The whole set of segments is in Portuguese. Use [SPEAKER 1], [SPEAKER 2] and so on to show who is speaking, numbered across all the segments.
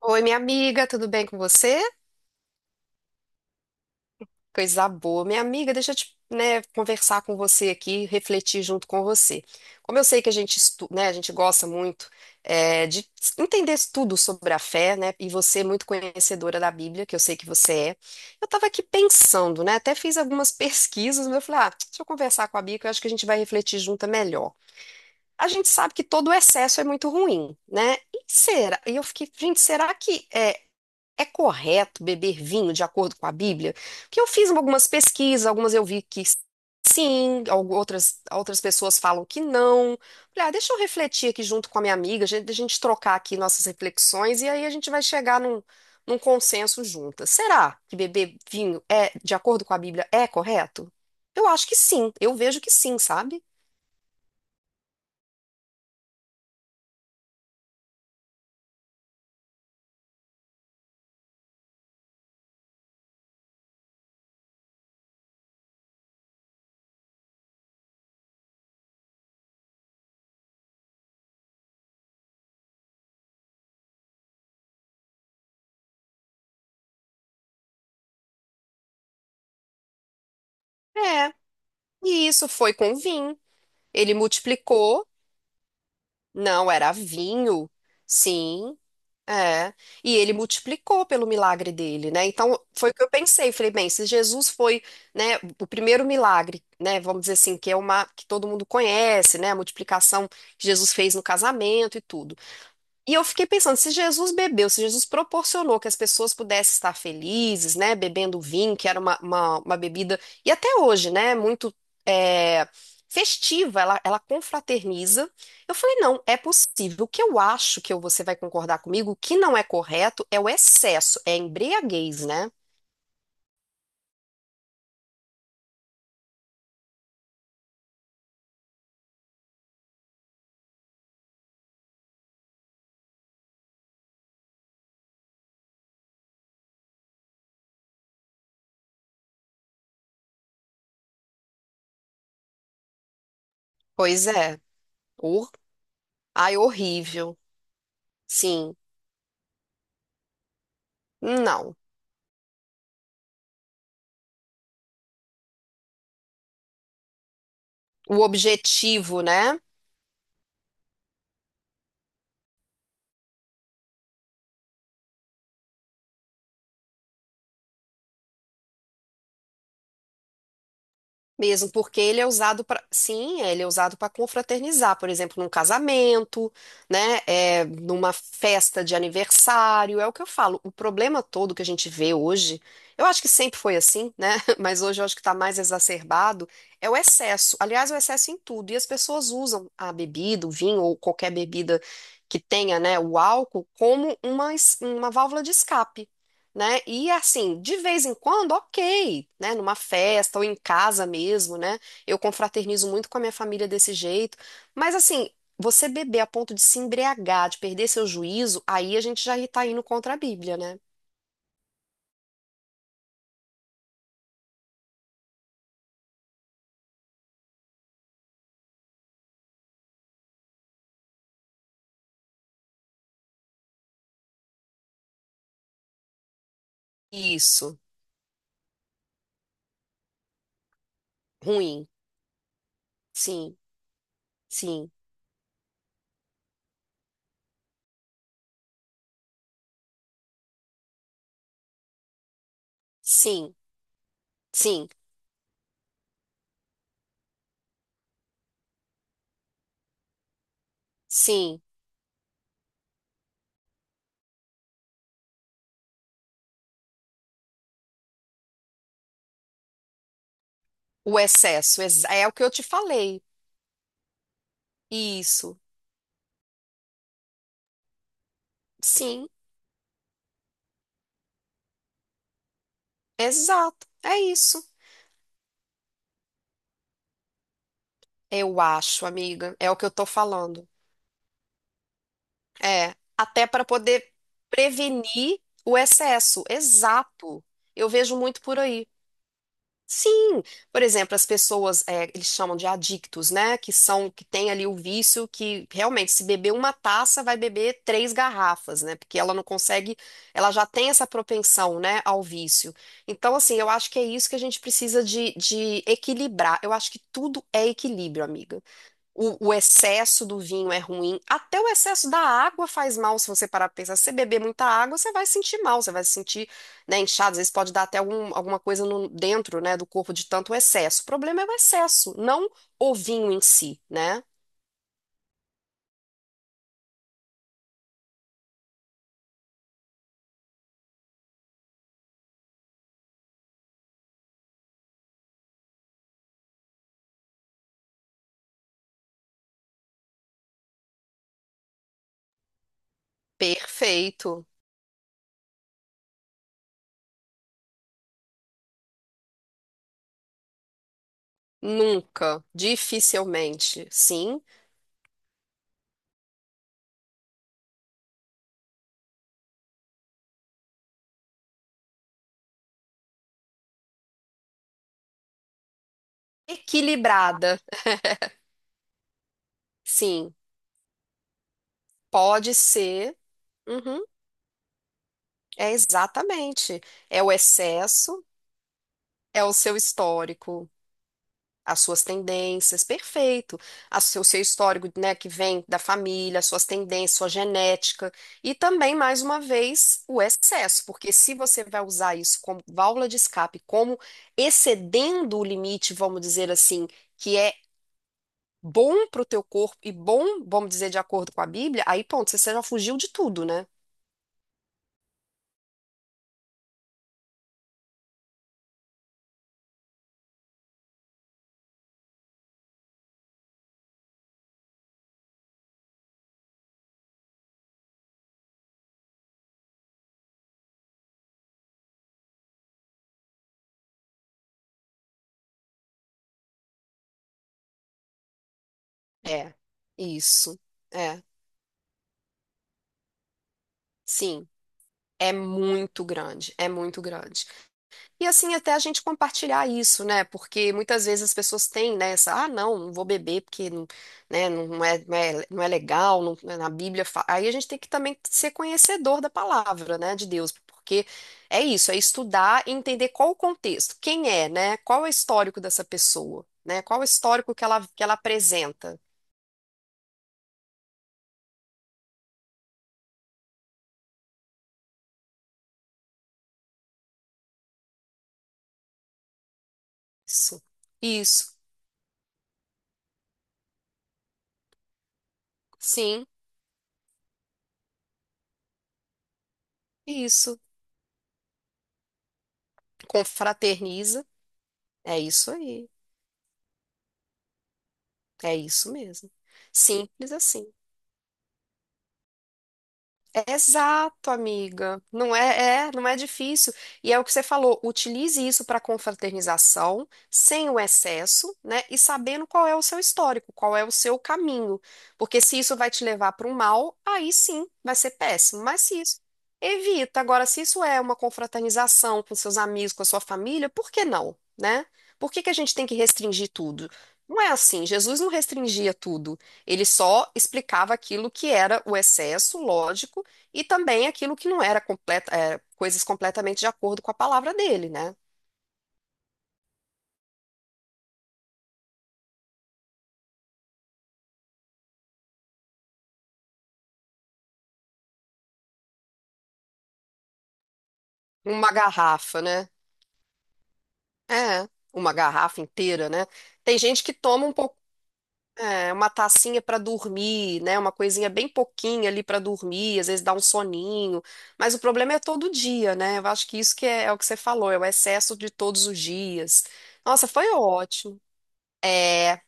[SPEAKER 1] Oi, minha amiga, tudo bem com você? Coisa boa. Minha amiga, deixa eu te, né, conversar com você aqui, refletir junto com você. Como eu sei que a gente gosta muito de entender tudo sobre a fé, né? E você é muito conhecedora da Bíblia, que eu sei que você é. Eu estava aqui pensando, né? Até fiz algumas pesquisas, mas eu falei, ah, deixa eu conversar com a Bíblia, que eu acho que a gente vai refletir junto é melhor. A gente sabe que todo o excesso é muito ruim, né? E será? E eu fiquei, gente, será que é É correto beber vinho de acordo com a Bíblia? Porque eu fiz algumas pesquisas, algumas eu vi que sim, outras, outras pessoas falam que não. Falei, ah, deixa eu refletir aqui junto com a minha amiga, a gente trocar aqui nossas reflexões e aí a gente vai chegar num consenso juntas. Será que beber vinho é de acordo com a Bíblia é correto? Eu acho que sim, eu vejo que sim, sabe? É, e isso foi com o vinho. Ele multiplicou, não era vinho, sim. É, e ele multiplicou pelo milagre dele, né? Então foi o que eu pensei, falei, bem, se Jesus foi, né, o primeiro milagre, né, vamos dizer assim, que é uma que todo mundo conhece, né, a multiplicação que Jesus fez no casamento e tudo. E eu fiquei pensando, se Jesus bebeu, se Jesus proporcionou que as pessoas pudessem estar felizes, né, bebendo vinho, que era uma bebida, e até hoje, né, muito é, festiva, ela confraterniza. Eu falei, não, é possível. O que eu acho que você vai concordar comigo, que não é correto é o excesso, é a embriaguez, né? Pois é. Hor- Ai, horrível. Sim. Não. O objetivo, né? Mesmo porque ele é usado para, sim, ele é usado para confraternizar, por exemplo, num casamento, né, é, numa festa de aniversário, é o que eu falo. O problema todo que a gente vê hoje, eu acho que sempre foi assim, né, mas hoje eu acho que está mais exacerbado, é o excesso. Aliás, é o excesso em tudo. E as pessoas usam a bebida, o vinho ou qualquer bebida que tenha, né, o álcool como uma válvula de escape né? E assim, de vez em quando, ok, né? Numa festa ou em casa mesmo, né? Eu confraternizo muito com a minha família desse jeito. Mas assim, você beber a ponto de se embriagar, de perder seu juízo, aí a gente já tá indo contra a Bíblia, né? Isso. Ruim. Sim, sim, sim, sim, sim. O excesso. É o que eu te falei. Isso. Sim, exato. É isso. Eu acho, amiga. É o que eu tô falando. É, até para poder prevenir o excesso. Exato. Eu vejo muito por aí. Sim, por exemplo, as pessoas, é, eles chamam de adictos, né? Que são, que tem ali o vício que realmente, se beber uma taça, vai beber três garrafas, né? Porque ela não consegue, ela já tem essa propensão, né, ao vício. Então, assim, eu acho que é isso que a gente precisa de equilibrar. Eu acho que tudo é equilíbrio, amiga. O excesso do vinho é ruim, até o excesso da água faz mal, se você parar para pensar. Se você beber muita água, você vai sentir mal, você vai se sentir, né, inchado, às vezes pode dar até alguma coisa dentro, né, do corpo de tanto excesso. O problema é o excesso, não o vinho em si, né? Perfeito. Nunca, dificilmente, sim. Equilibrada, sim. Pode ser. Uhum, é exatamente. É o excesso, é o seu histórico. As suas tendências, perfeito. O seu histórico, né, que vem da família, as suas tendências, sua genética. E também, mais uma vez, o excesso, porque se você vai usar isso como válvula de escape, como excedendo o limite, vamos dizer assim, que é bom para o teu corpo e bom, vamos dizer, de acordo com a Bíblia, aí, ponto, você já fugiu de tudo, né? É, isso. É, sim. É muito grande, é muito grande. E assim, até a gente compartilhar isso, né? Porque muitas vezes as pessoas têm, né, essa, ah, não, não vou beber porque não, né, não é legal, né, na Bíblia. Aí a gente tem que também ser conhecedor da palavra, né, de Deus, porque é isso, é estudar e entender qual o contexto, quem é, né? Qual é o histórico dessa pessoa, né? Qual é o histórico que que ela apresenta. Isso, isso, sim, isso. Confraterniza, é isso aí, é isso mesmo. Simples assim. Exato, amiga. Não é difícil. E é o que você falou, utilize isso para confraternização, sem o excesso, né? E sabendo qual é o seu histórico, qual é o seu caminho. Porque se isso vai te levar para o mal, aí sim, vai ser péssimo. Mas se isso evita. Agora, se isso é uma confraternização com seus amigos, com a sua família, por que não, né? Por que que a gente tem que restringir tudo? Não é assim, Jesus não restringia tudo. Ele só explicava aquilo que era o excesso, lógico e também aquilo que não era completa, é, coisas completamente de acordo com a palavra dele, né? Uma garrafa, né? É, uma garrafa inteira, né? Tem gente que toma um pouco, é, uma tacinha para dormir, né? Uma coisinha bem pouquinha ali para dormir, às vezes dá um soninho, mas o problema é todo dia, né? Eu acho que é o que você falou, é o excesso de todos os dias. Nossa, foi ótimo. É,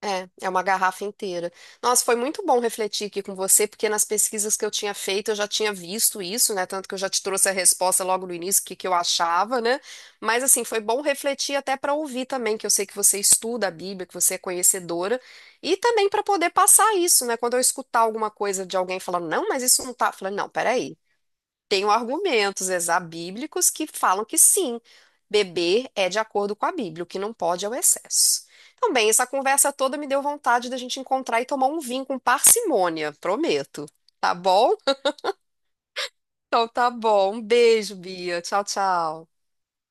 [SPEAKER 1] É, é uma garrafa inteira. Nossa, foi muito bom refletir aqui com você, porque nas pesquisas que eu tinha feito eu já tinha visto isso, né? Tanto que eu já te trouxe a resposta logo no início, o que que eu achava, né? Mas assim, foi bom refletir até para ouvir também, que eu sei que você estuda a Bíblia, que você é conhecedora, e também para poder passar isso, né? Quando eu escutar alguma coisa de alguém falando, não, mas isso não tá, eu falei, não, peraí. Tenho argumentos exabíblicos que falam que sim, beber é de acordo com a Bíblia, o que não pode é o excesso. Então, bem, essa conversa toda me deu vontade da gente encontrar e tomar um vinho com parcimônia, prometo. Tá bom? Então tá bom. Um beijo, Bia. Tchau, tchau.